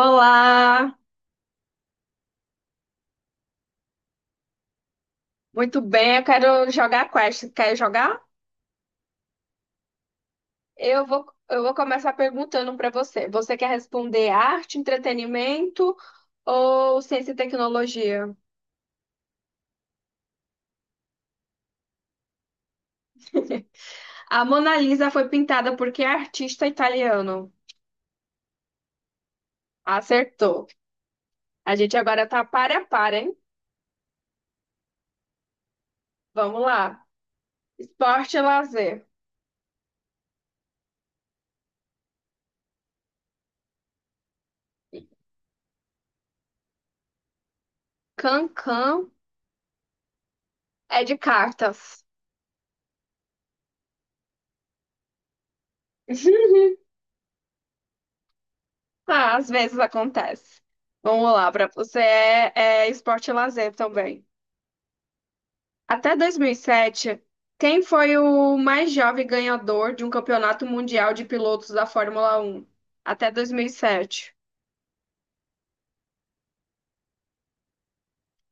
Olá, muito bem. Eu quero jogar quest. Quer jogar? Eu vou começar perguntando para você. Você quer responder arte, entretenimento ou ciência e tecnologia? A Mona Lisa foi pintada por que artista italiano? Acertou. A gente agora tá para a par, hein? Vamos lá. Esporte e lazer. Can-can é de cartas. Ah, às vezes acontece. Vamos lá, para você é esporte e lazer também. Até 2007, quem foi o mais jovem ganhador de um campeonato mundial de pilotos da Fórmula Um? Até 2007.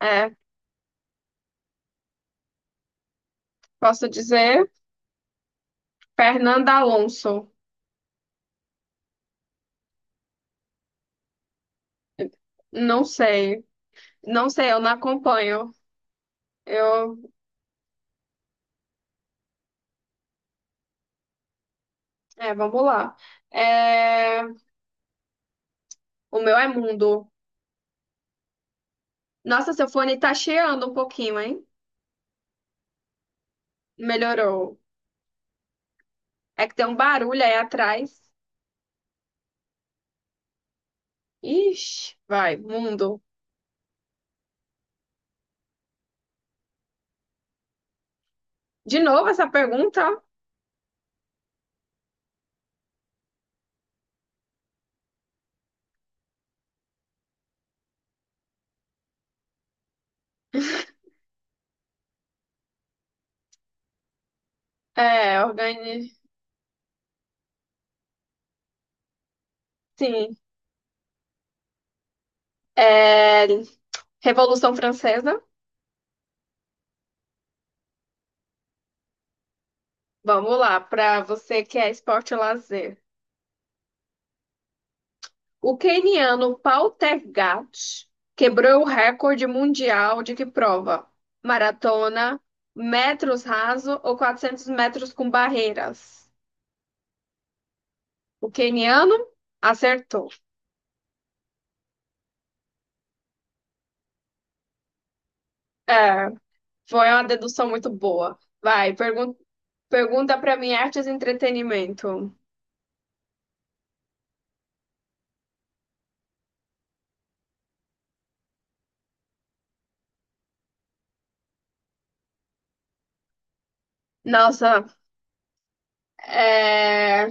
É, posso dizer, Fernando Alonso. Não sei. Não sei, eu não acompanho. Eu, vamos lá. É, o meu é mundo. Nossa, seu fone tá cheando um pouquinho, hein? Melhorou. É que tem um barulho aí atrás. Ixi, vai, mundo. De novo essa pergunta? É. Sim. É, Revolução Francesa. Vamos lá, para você que é esporte e lazer. O queniano Pautergat quebrou o recorde mundial de que prova? Maratona, metros raso ou 400 metros com barreiras? O queniano acertou. É, foi uma dedução muito boa. Vai, pergunta para mim, artes e entretenimento. Nossa, é,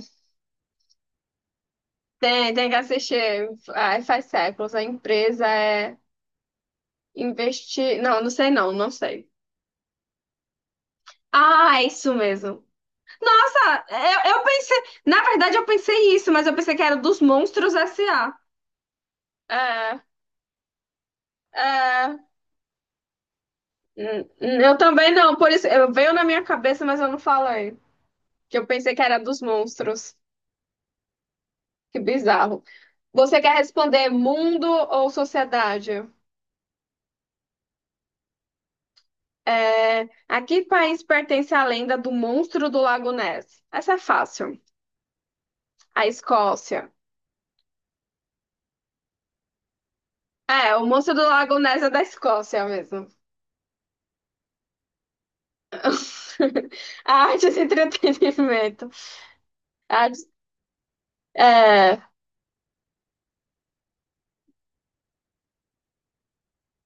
tem que assistir. Ai, faz séculos. A empresa é investir. Não, não sei não, não sei. Ah, é isso mesmo. Nossa, eu pensei. Na verdade, eu pensei isso, mas eu pensei que era dos Monstros S a. É, é. Eu também não, por isso. Eu veio na minha cabeça, mas eu não falei. Que eu pensei que era dos monstros. Que bizarro. Você quer responder mundo ou sociedade? É, a que país pertence a lenda do monstro do Lago Ness? Essa é fácil. A Escócia. É, o monstro do Lago Ness é da Escócia mesmo. A arte e entretenimento. Artes- é,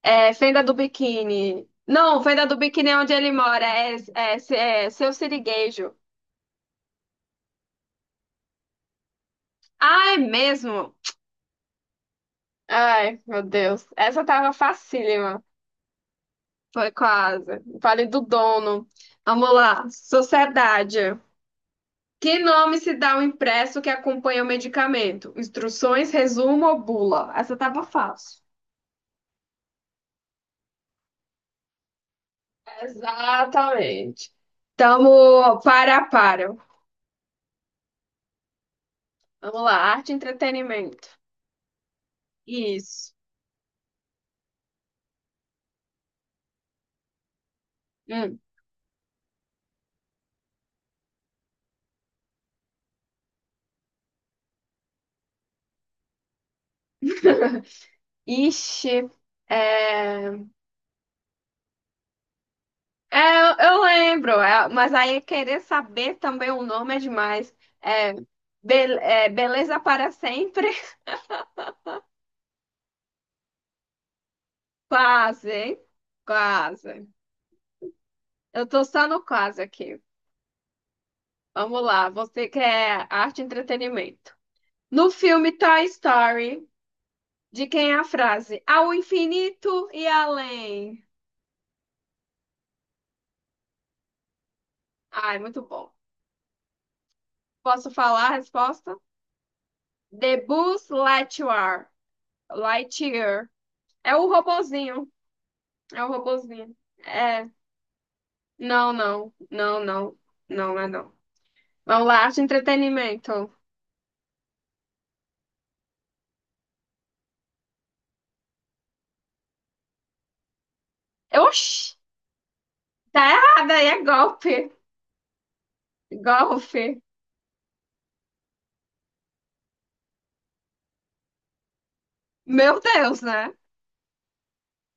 Fenda do Biquíni. Não, Fenda do Biquíni é onde ele mora. É Seu Siriguejo. Ah, é mesmo? Ai, meu Deus. Essa tava facílima. Foi quase. Vale do dono. Vamos lá. Sociedade. Que nome se dá ao impresso que acompanha o medicamento? Instruções, resumo ou bula? Essa tava fácil. Exatamente. Tamo para a para. Vamos lá, arte e entretenimento. Isso. Hum. Ixi. É... É, eu lembro, é, mas aí querer saber também o nome é demais. É, beleza para sempre? Quase, hein? Quase. Eu tô só no quase aqui. Vamos lá, você quer arte e entretenimento. No filme Toy Story, de quem é a frase? Ao infinito e além. Ai, muito bom. Posso falar a resposta? The Buzz Lightyear. Lightyear. É o robozinho. É o robozinho. É. Não, não. Não, não. Não, não é não. Vamos lá, arte e entretenimento. Oxi, tá errado aí, é golpe. Golpe. Meu Deus, né?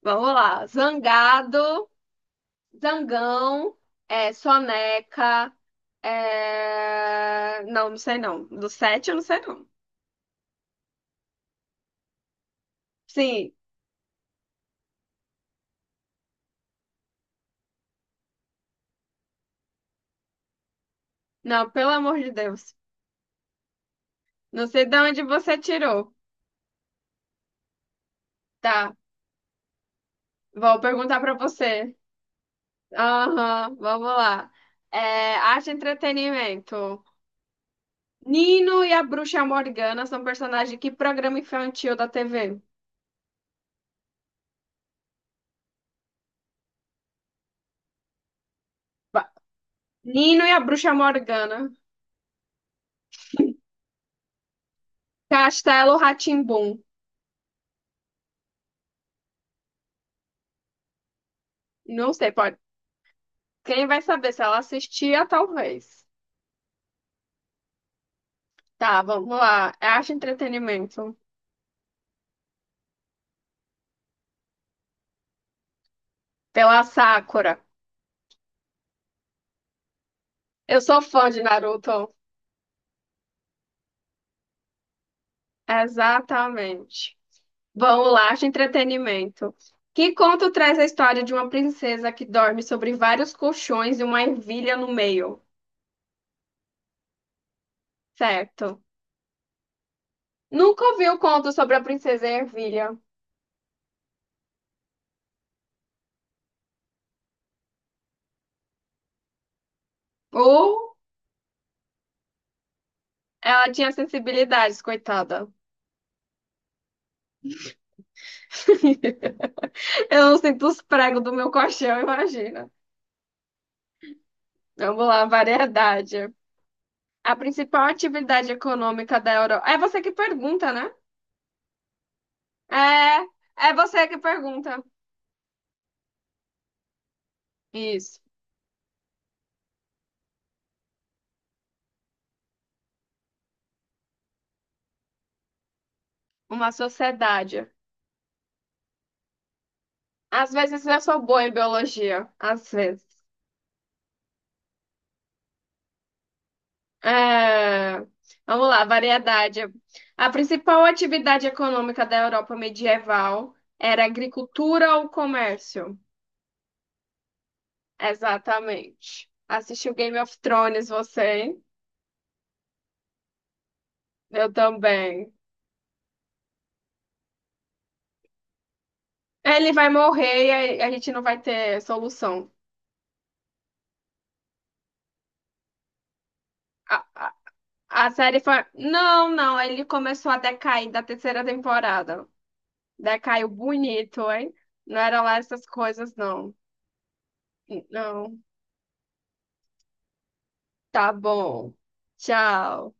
Vamos lá. Zangado. Zangão, é, Soneca, é, não, não sei não. Do sete eu não sei não. Sim, não, pelo amor de Deus. Não sei de onde você tirou. Tá, vou perguntar pra você. Aham, vamos lá. É, arte e entretenimento. Nino e a Bruxa Morgana são personagens de que programa infantil da TV? Ba- Nino e a Bruxa Morgana. Castelo rá. Não sei, pode. Quem vai saber se ela assistia, talvez. Tá, vamos lá. É arte e entretenimento. Pela Sakura. Eu sou fã de Naruto. Exatamente. Vamos lá, arte e entretenimento. Que conto traz a história de uma princesa que dorme sobre vários colchões e uma ervilha no meio? Certo. Nunca ouvi o conto sobre a princesa e a ervilha. Ou ela tinha sensibilidades, coitada. Eu não sinto os pregos do meu colchão, imagina. Vamos lá, variedade. A principal atividade econômica da Europa. É você que pergunta, né? É, é você que pergunta. Isso. Uma sociedade. Às vezes eu sou boa em biologia. Às vezes. É, vamos lá, variedade. A principal atividade econômica da Europa medieval era a agricultura ou comércio? Exatamente. Assistiu Game of Thrones, você, hein? Eu também. Ele vai morrer e a gente não vai ter solução. A série foi. Não, não, ele começou a decair da terceira temporada. Decaiu bonito, hein? Não era lá essas coisas, não. Não. Tá bom. Tchau.